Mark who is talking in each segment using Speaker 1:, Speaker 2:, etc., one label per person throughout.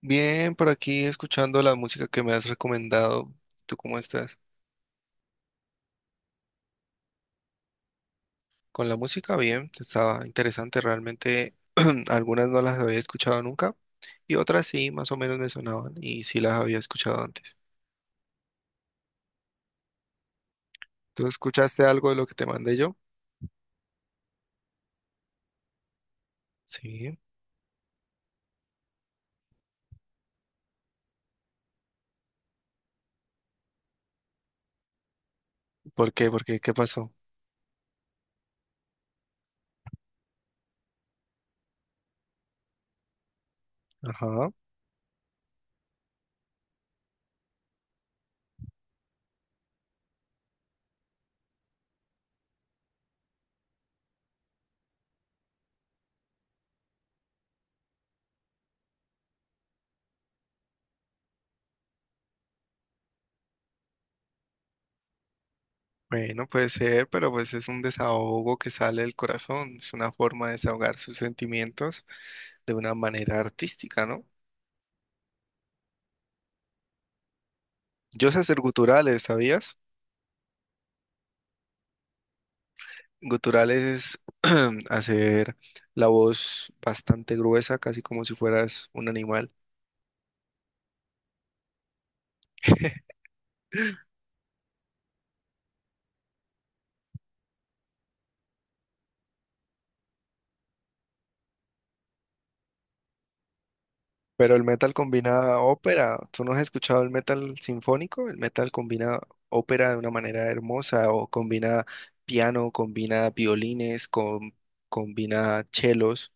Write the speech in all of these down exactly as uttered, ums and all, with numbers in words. Speaker 1: Bien, por aquí escuchando la música que me has recomendado. ¿Tú cómo estás? Con la música, bien, estaba interesante. Realmente algunas no las había escuchado nunca y otras sí, más o menos me sonaban y sí las había escuchado antes. ¿Tú escuchaste algo de lo que te mandé yo? Sí. ¿Por qué? ¿Por qué? ¿Qué pasó? Ajá. Bueno, puede ser, pero pues es un desahogo que sale del corazón. Es una forma de desahogar sus sentimientos de una manera artística, ¿no? Yo sé hacer guturales, ¿sabías? Guturales es hacer la voz bastante gruesa, casi como si fueras un animal. Pero el metal combina ópera. ¿Tú no has escuchado el metal sinfónico? El metal combina ópera de una manera hermosa o combina piano, combina violines, com- combina chelos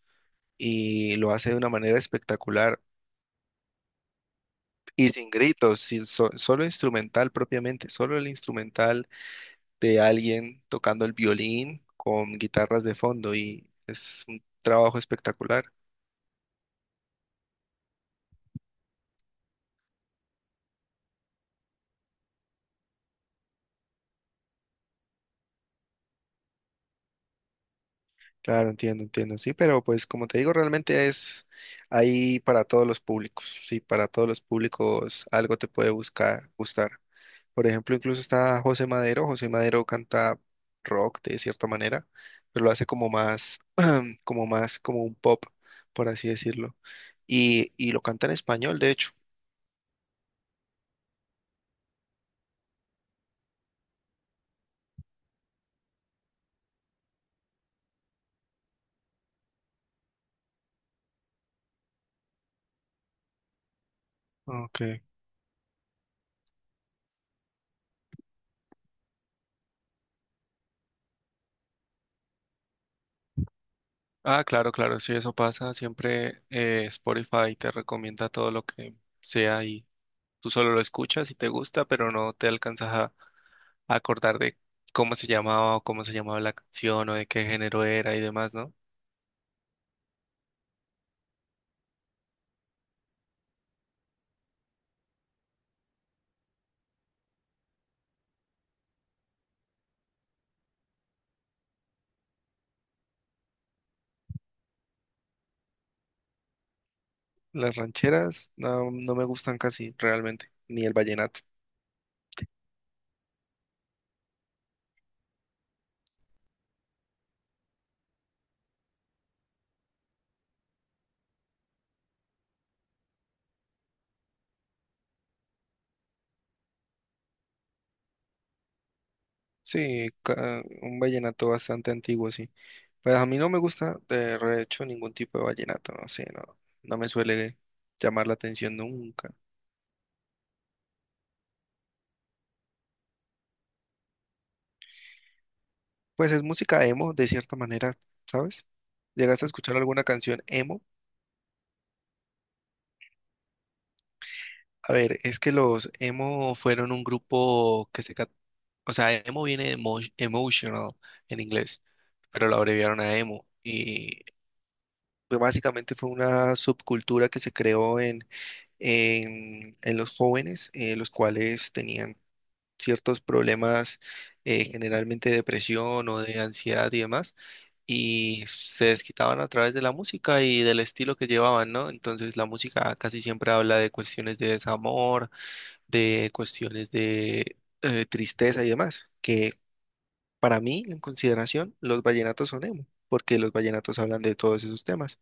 Speaker 1: y lo hace de una manera espectacular y sin gritos, sin so- solo instrumental propiamente, solo el instrumental de alguien tocando el violín con guitarras de fondo y es un trabajo espectacular. Claro, entiendo, entiendo, sí, pero pues como te digo, realmente es ahí para todos los públicos, sí, para todos los públicos algo te puede buscar, gustar. Por ejemplo, incluso está José Madero, José Madero canta rock de cierta manera, pero lo hace como más, como más, como un pop, por así decirlo, y, y lo canta en español, de hecho. Ok. Ah, claro, claro, sí, eso pasa. Siempre eh, Spotify te recomienda todo lo que sea y tú solo lo escuchas y te gusta, pero no te alcanzas a, a acordar de cómo se llamaba o cómo se llamaba la canción o de qué género era y demás, ¿no? Las rancheras no, no me gustan casi realmente, ni el vallenato. Sí, ca- un vallenato bastante antiguo, sí. Pues a mí no me gusta de hecho ningún tipo de vallenato, no sé, no, no me suele llamar la atención nunca. Pues es música emo, de cierta manera, ¿sabes? ¿Llegaste a escuchar alguna canción emo? A ver, es que los emo fueron un grupo que se... cat- o sea, emo viene de emo- emotional en inglés, pero lo abreviaron a emo. Y pues, básicamente fue una subcultura que se creó en, en, en los jóvenes, eh, los cuales tenían ciertos problemas, eh, generalmente depresión o de ansiedad y demás, y se desquitaban a través de la música y del estilo que llevaban, ¿no? Entonces la música casi siempre habla de cuestiones de desamor, de cuestiones de eh, tristeza y demás, que para mí, en consideración, los vallenatos son emo, porque los vallenatos hablan de todos esos temas.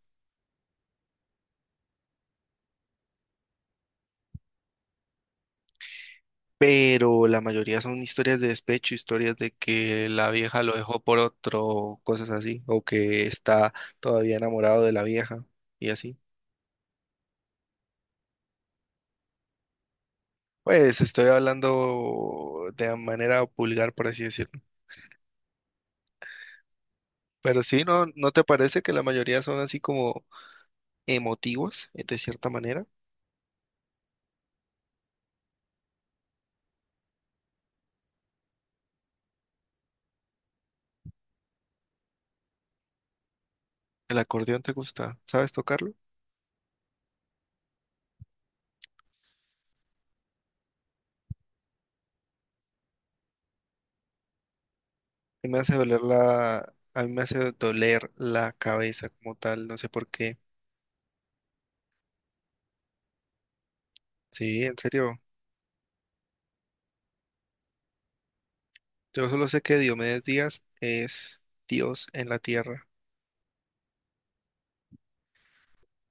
Speaker 1: Pero la mayoría son historias de despecho, historias de que la vieja lo dejó por otro, cosas así, o que está todavía enamorado de la vieja y así. Pues estoy hablando de manera pulgar, por así decirlo. Pero sí, ¿no, ¿no te parece que la mayoría son así como emotivos, eh, de cierta manera? ¿El acordeón te gusta? ¿Sabes tocarlo? Y me hace doler la, a mí me hace doler la cabeza como tal, no sé por qué. Sí, en serio. Yo solo sé que Diomedes Díaz es Dios en la tierra.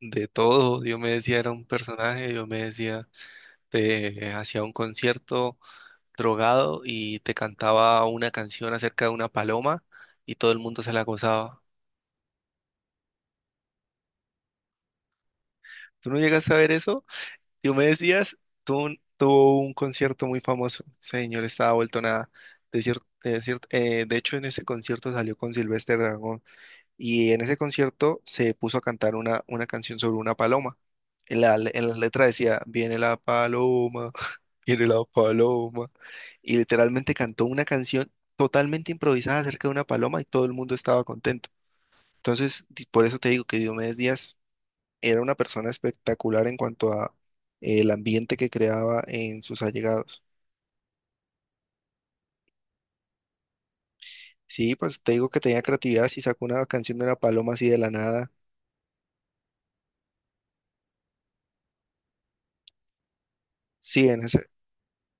Speaker 1: De todo, Diomedes Díaz era un personaje, Diomedes Díaz te hacía un concierto drogado y te cantaba una canción acerca de una paloma y todo el mundo se la gozaba. ¿Tú no llegas a ver eso? Diomedes Díaz tuvo un, tuvo un concierto muy famoso. Ese señor estaba vuelto nada. De, cier- de cier- eh, de hecho, en ese concierto salió con Silvestre Dangond. Y en ese concierto se puso a cantar una, una canción sobre una paloma. En la, en la letra decía, viene la paloma, viene la paloma, y literalmente cantó una canción totalmente improvisada acerca de una paloma y todo el mundo estaba contento. Entonces, di- por eso te digo que Diomedes Díaz era una persona espectacular en cuanto a eh, el ambiente que creaba en sus allegados. Sí, pues te digo que tenía creatividad, si sacó una canción de una paloma así de la nada. Sí, en ese,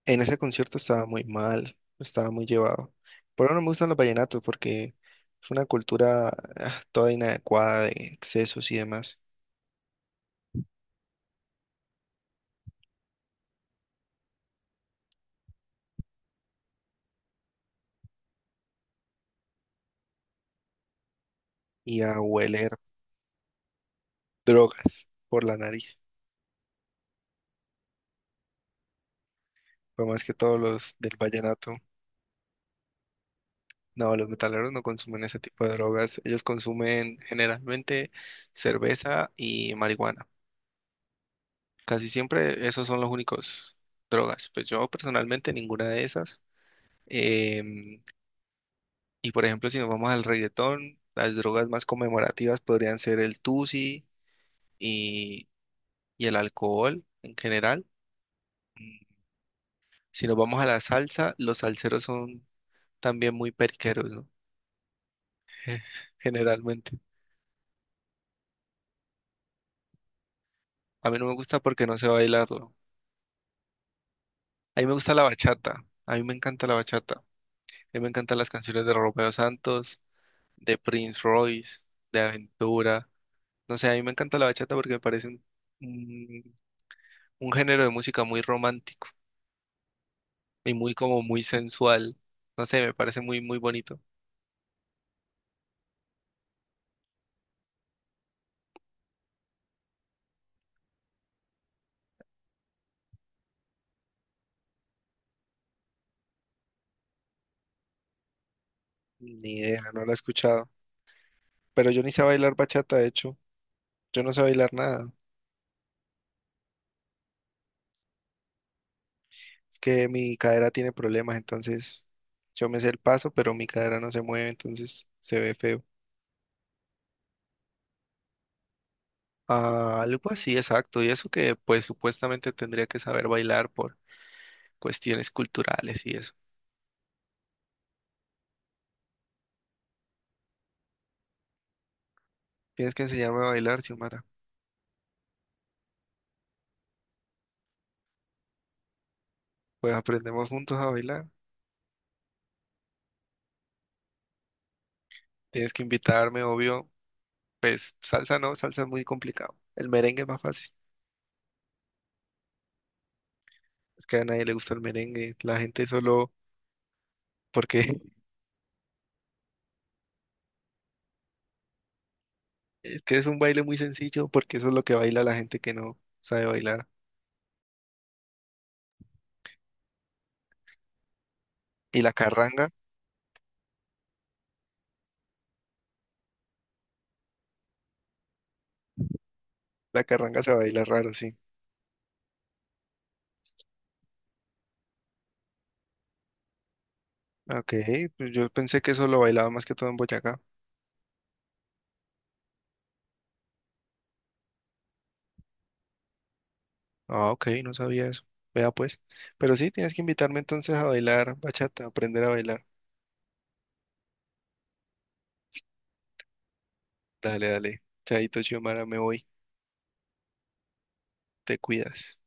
Speaker 1: en ese concierto estaba muy mal, estaba muy llevado. Por eso no me gustan los vallenatos, porque es una cultura ah, toda inadecuada de excesos y demás, y a hueler drogas por la nariz. Por más que todos los del vallenato, no, los metaleros no consumen ese tipo de drogas, ellos consumen generalmente cerveza y marihuana. Casi siempre esos son los únicos drogas. Pues yo personalmente ninguna de esas. Em, Y por ejemplo, si nos vamos al reggaetón, las drogas más conmemorativas podrían ser el tusi y, y el alcohol en general. Mm, si nos vamos a la salsa, los salseros son también muy periqueros, ¿no? Generalmente. A mí no me gusta porque no sé bailarlo. A mí me gusta la bachata. A mí me encanta la bachata. A mí me encantan las canciones de Romeo Santos, de Prince Royce, de Aventura. No sé, a mí me encanta la bachata porque me parece un, un un género de música muy romántico. Y muy como muy sensual. No sé, me parece muy, muy bonito. Ni idea, no la he escuchado. Pero yo ni sé bailar bachata, de hecho. Yo no sé bailar nada. Es que mi cadera tiene problemas, entonces yo me sé el paso, pero mi cadera no se mueve, entonces se ve feo. Ah, algo así, exacto. Y eso que pues supuestamente tendría que saber bailar por cuestiones culturales y eso. Tienes que enseñarme a bailar, Xiomara. Pues aprendemos juntos a bailar. Tienes que invitarme, obvio. Pues salsa no, salsa es muy complicado. El merengue es más fácil. Es que a nadie le gusta el merengue, la gente solo, porque es que es un baile muy sencillo, porque eso es lo que baila la gente que no sabe bailar. Y la carranga, la carranga se baila raro, sí. Ok, pues yo pensé que eso lo bailaba más que todo en Boyacá. Ah, ok, no sabía eso. Vea pues. Pero sí, tienes que invitarme entonces a bailar bachata, aprender a bailar. Dale, dale. Chaito, Xiomara, me voy. Te cuidas.